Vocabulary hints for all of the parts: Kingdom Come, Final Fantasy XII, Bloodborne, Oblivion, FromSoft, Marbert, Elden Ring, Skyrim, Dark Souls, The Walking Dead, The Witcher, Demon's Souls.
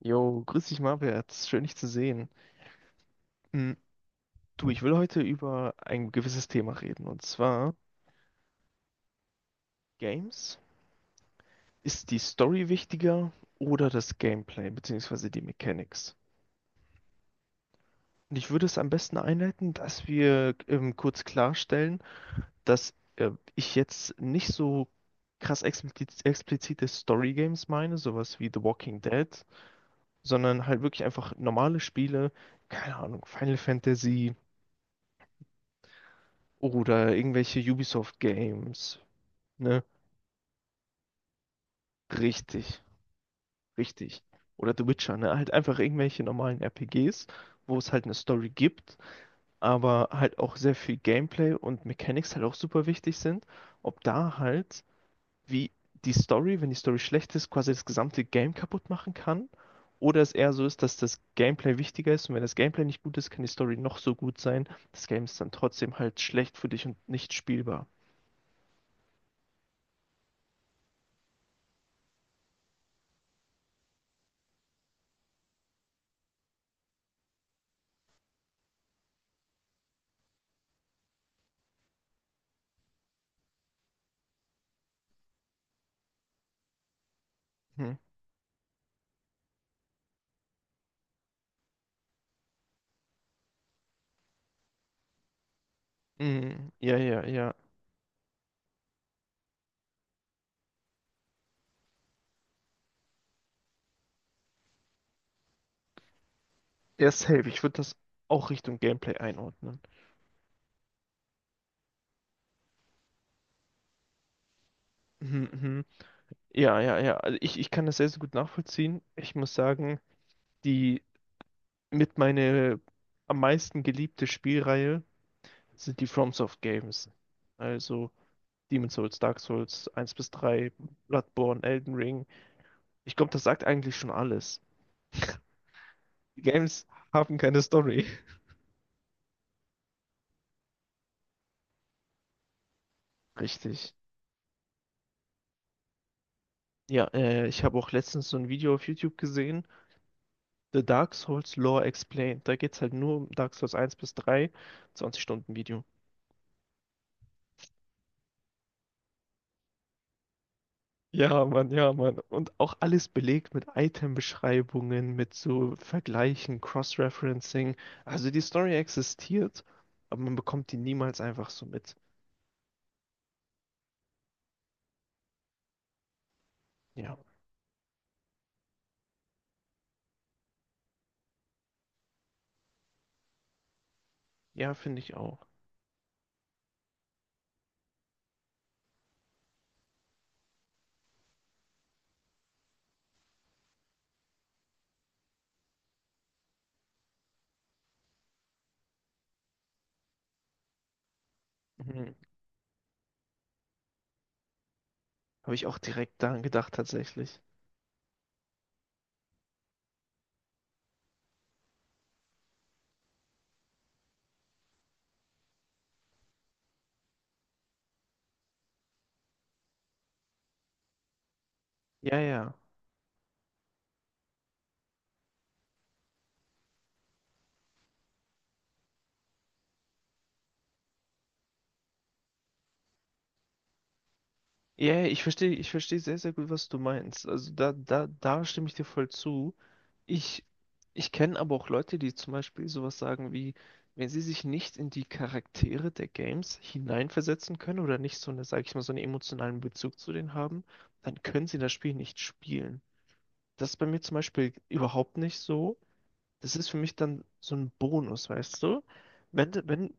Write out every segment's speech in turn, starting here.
Jo, grüß dich, Marbert. Schön, dich zu sehen. Hm, du, ich will heute über ein gewisses Thema reden, und zwar Games. Ist die Story wichtiger oder das Gameplay, beziehungsweise die Mechanics? Und ich würde es am besten einleiten, dass wir kurz klarstellen, dass ich jetzt nicht so krass explizite Story-Games meine, sowas wie The Walking Dead, sondern halt wirklich einfach normale Spiele, keine Ahnung, Final Fantasy oder irgendwelche Ubisoft-Games, ne? Richtig, richtig. Oder The Witcher, ne? Halt einfach irgendwelche normalen RPGs, wo es halt eine Story gibt, aber halt auch sehr viel Gameplay und Mechanics halt auch super wichtig sind. Ob da halt, wie die Story, wenn die Story schlecht ist, quasi das gesamte Game kaputt machen kann. Oder es eher so ist, dass das Gameplay wichtiger ist und wenn das Gameplay nicht gut ist, kann die Story noch so gut sein. Das Game ist dann trotzdem halt schlecht für dich und nicht spielbar. Hm. Mhm. Ja, ja, ja. Ja, safe. Ich würde das auch Richtung Gameplay einordnen. Mhm, mhm. Ja, ja, ja. Also ich kann das sehr, sehr gut nachvollziehen. Ich muss sagen, die mit meine am meisten geliebte Spielreihe sind die FromSoft Games. Also Demon's Souls, Dark Souls 1 bis 3, Bloodborne, Elden Ring. Ich glaube, das sagt eigentlich schon alles. Die Games haben keine Story. Richtig. Ja, ich habe auch letztens so ein Video auf YouTube gesehen, The Dark Souls Lore Explained. Da geht es halt nur um Dark Souls 1 bis 3, 20 Stunden Video. Ja, Mann, ja, Mann. Und auch alles belegt mit Item-Beschreibungen, mit so Vergleichen, Cross-Referencing. Also die Story existiert, aber man bekommt die niemals einfach so mit. Ja, ja, finde ich auch. Mhm. Habe ich auch direkt daran gedacht, tatsächlich. Ja, ja. Ja, ja, ich verstehe sehr, sehr gut, was du meinst. Also da stimme ich dir voll zu. Ich, ich kenne aber auch Leute, die zum Beispiel sowas sagen wie, wenn sie sich nicht in die Charaktere der Games hineinversetzen können oder nicht so eine, sag ich mal, so einen emotionalen Bezug zu denen haben, dann können sie das Spiel nicht spielen. Das ist bei mir zum Beispiel überhaupt nicht so, das ist für mich dann so ein Bonus, weißt du? Wenn,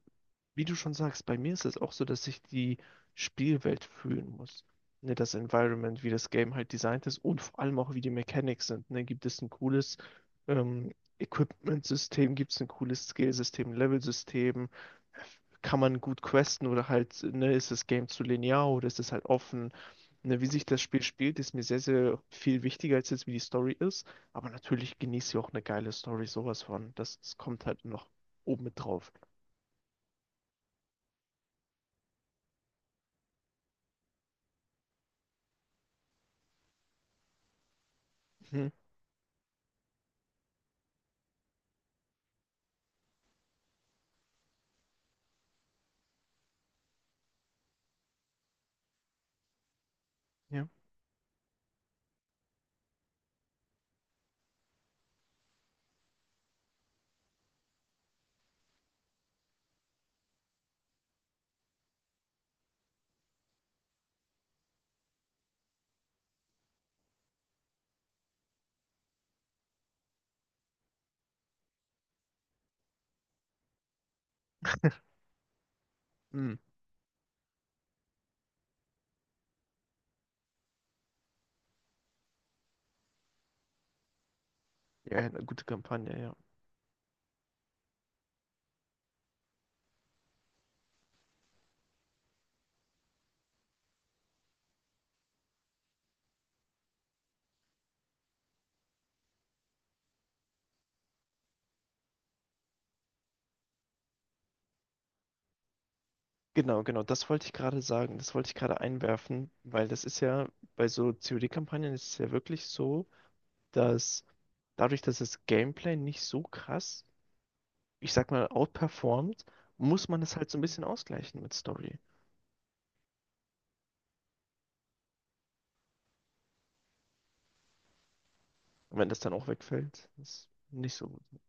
wie du schon sagst, bei mir ist es auch so, dass ich die Spielwelt fühlen muss. Ne, das Environment, wie das Game halt designt ist und vor allem auch, wie die Mechanics sind. Ne, gibt es ein cooles ähm, Equipment-System, gibt es ein cooles Skill-System, Level-System, kann man gut questen oder halt, ne, ist das Game zu linear oder ist es halt offen? Ne, wie sich das Spiel spielt, ist mir sehr, sehr viel wichtiger als jetzt, wie die Story ist. Aber natürlich genießt ihr auch eine geile Story, sowas von. Das, das kommt halt noch oben mit drauf. Mhm. Ja. Mhm. Ja, eine gute Kampagne, ja. Genau, genau, das wollte ich gerade sagen. Das wollte ich gerade einwerfen, weil das ist ja bei so COD-Kampagnen ist es ja wirklich so, dass dadurch, dass das Gameplay nicht so krass, ich sag mal, outperformt, muss man es halt so ein bisschen ausgleichen mit Story. Und wenn das dann auch wegfällt, ist nicht so gut.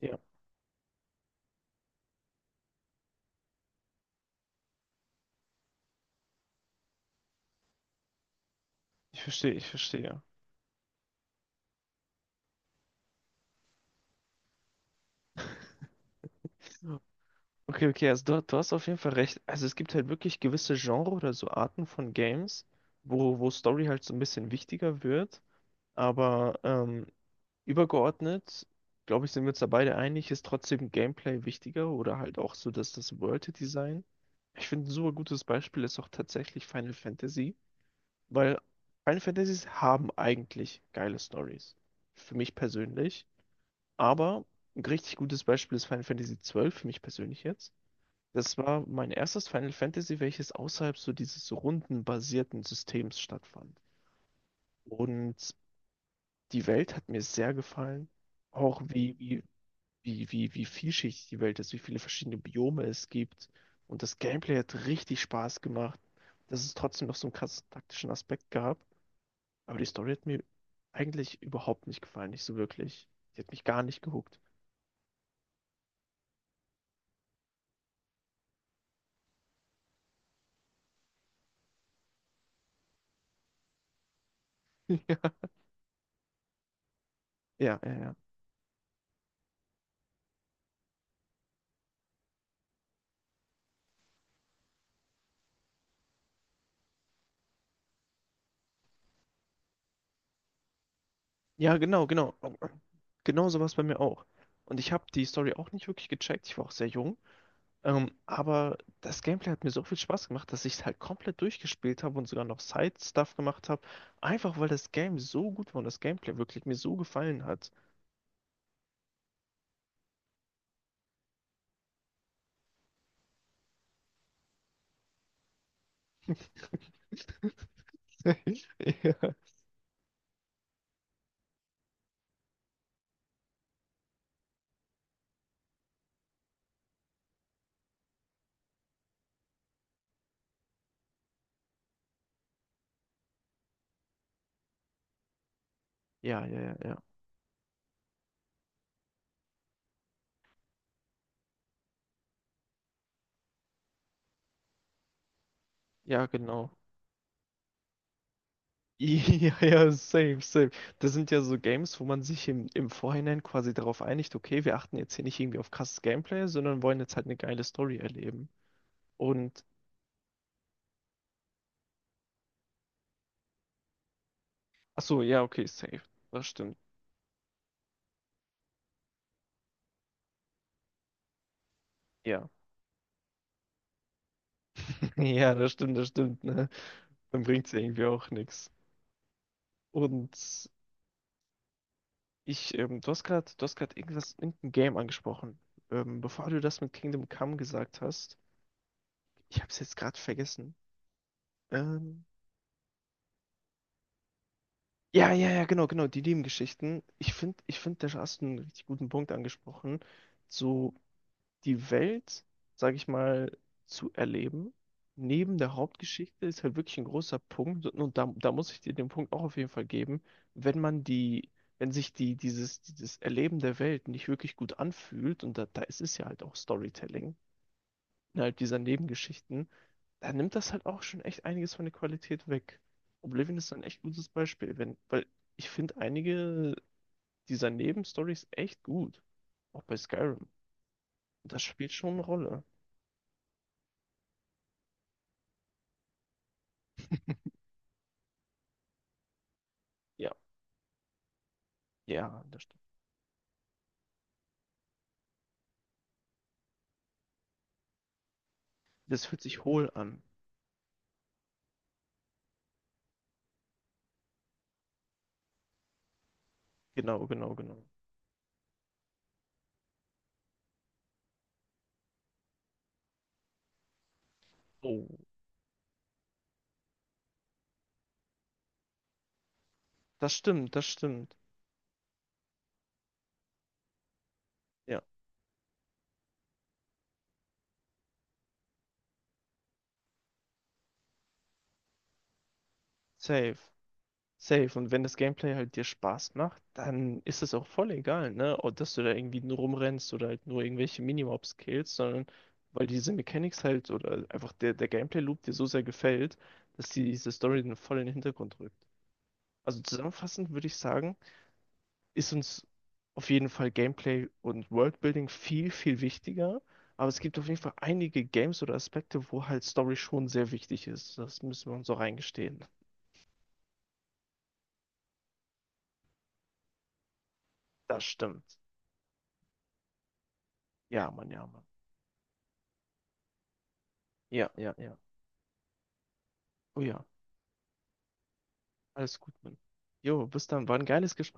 Ja. Ich verstehe, ich verstehe. Okay, okay, also du hast auf jeden Fall recht. Also es gibt halt wirklich gewisse Genre oder so Arten von Games, wo Story halt so ein bisschen wichtiger wird. Aber übergeordnet, glaube ich, sind wir uns da beide einig, ist trotzdem Gameplay wichtiger oder halt auch so dass das World Design. Ich finde, ein super gutes Beispiel ist auch tatsächlich Final Fantasy, weil Final Fantasies haben eigentlich geile Stories. Für mich persönlich. Aber ein richtig gutes Beispiel ist Final Fantasy XII für mich persönlich jetzt. Das war mein erstes Final Fantasy, welches außerhalb so dieses rundenbasierten Systems stattfand. Und die Welt hat mir sehr gefallen. Auch wie vielschichtig die Welt ist, wie viele verschiedene Biome es gibt. Und das Gameplay hat richtig Spaß gemacht. Dass es trotzdem noch so einen krassen taktischen Aspekt gab. Aber die Story hat mir eigentlich überhaupt nicht gefallen, nicht so wirklich. Die hat mich gar nicht gehuckt. Ja, ja, ja. Ja, genau, genau. Genau so war es bei mir auch. Und ich habe die Story auch nicht wirklich gecheckt. Ich war auch sehr jung. Aber das Gameplay hat mir so viel Spaß gemacht, dass ich es halt komplett durchgespielt habe und sogar noch Side-Stuff gemacht habe. Einfach weil das Game so gut war und das Gameplay wirklich mir so gefallen hat. Ja. Ja, ja, ja, ja. Ja, genau. Ja, ja, safe, safe. Das sind ja so Games, wo man sich im Vorhinein quasi darauf einigt, okay, wir achten jetzt hier nicht irgendwie auf krasses Gameplay, sondern wollen jetzt halt eine geile Story erleben. Und Ach so, ja, okay, safe. Das stimmt. Ja. Ja, das stimmt, ne? Dann bringt's ja irgendwie auch nichts. Und du hast gerade irgendwas, irgendein Game angesprochen. Bevor du das mit Kingdom Come gesagt hast, ich hab's jetzt gerade vergessen. Ähm, ja, ja, ja, genau, genau, die Nebengeschichten. Ich finde, da hast du einen richtig guten Punkt angesprochen. So, die Welt, sage ich mal, zu erleben, neben der Hauptgeschichte, ist halt wirklich ein großer Punkt. Und da muss ich dir den Punkt auch auf jeden Fall geben, wenn man die, wenn sich die, dieses, dieses Erleben der Welt nicht wirklich gut anfühlt, und da ist es ja halt auch Storytelling, innerhalb dieser Nebengeschichten, da nimmt das halt auch schon echt einiges von der Qualität weg. Oblivion ist ein echt gutes Beispiel, wenn, weil ich finde einige dieser Nebenstories echt gut, auch bei Skyrim. Das spielt schon eine Rolle. Ja, ja, das stimmt. Das fühlt sich hohl an. Genau, genau, genau. Oh. Das stimmt, das stimmt. Ja, safe. Safe. Und wenn das Gameplay halt dir Spaß macht, dann ist es auch voll egal, ne? Ob, dass du da irgendwie nur rumrennst oder halt nur irgendwelche Minimobs killst, sondern weil diese Mechanics halt oder einfach der Gameplay-Loop dir so sehr gefällt, dass diese Story dann voll in den Hintergrund rückt. Also zusammenfassend würde ich sagen, ist uns auf jeden Fall Gameplay und Worldbuilding viel, viel wichtiger. Aber es gibt auf jeden Fall einige Games oder Aspekte, wo halt Story schon sehr wichtig ist. Das müssen wir uns auch eingestehen. Das stimmt. Ja, Mann, ja, Mann. Ja, ja, ja. Oh ja, alles gut, Mann. Jo, bis dann. War ein geiles Gespräch.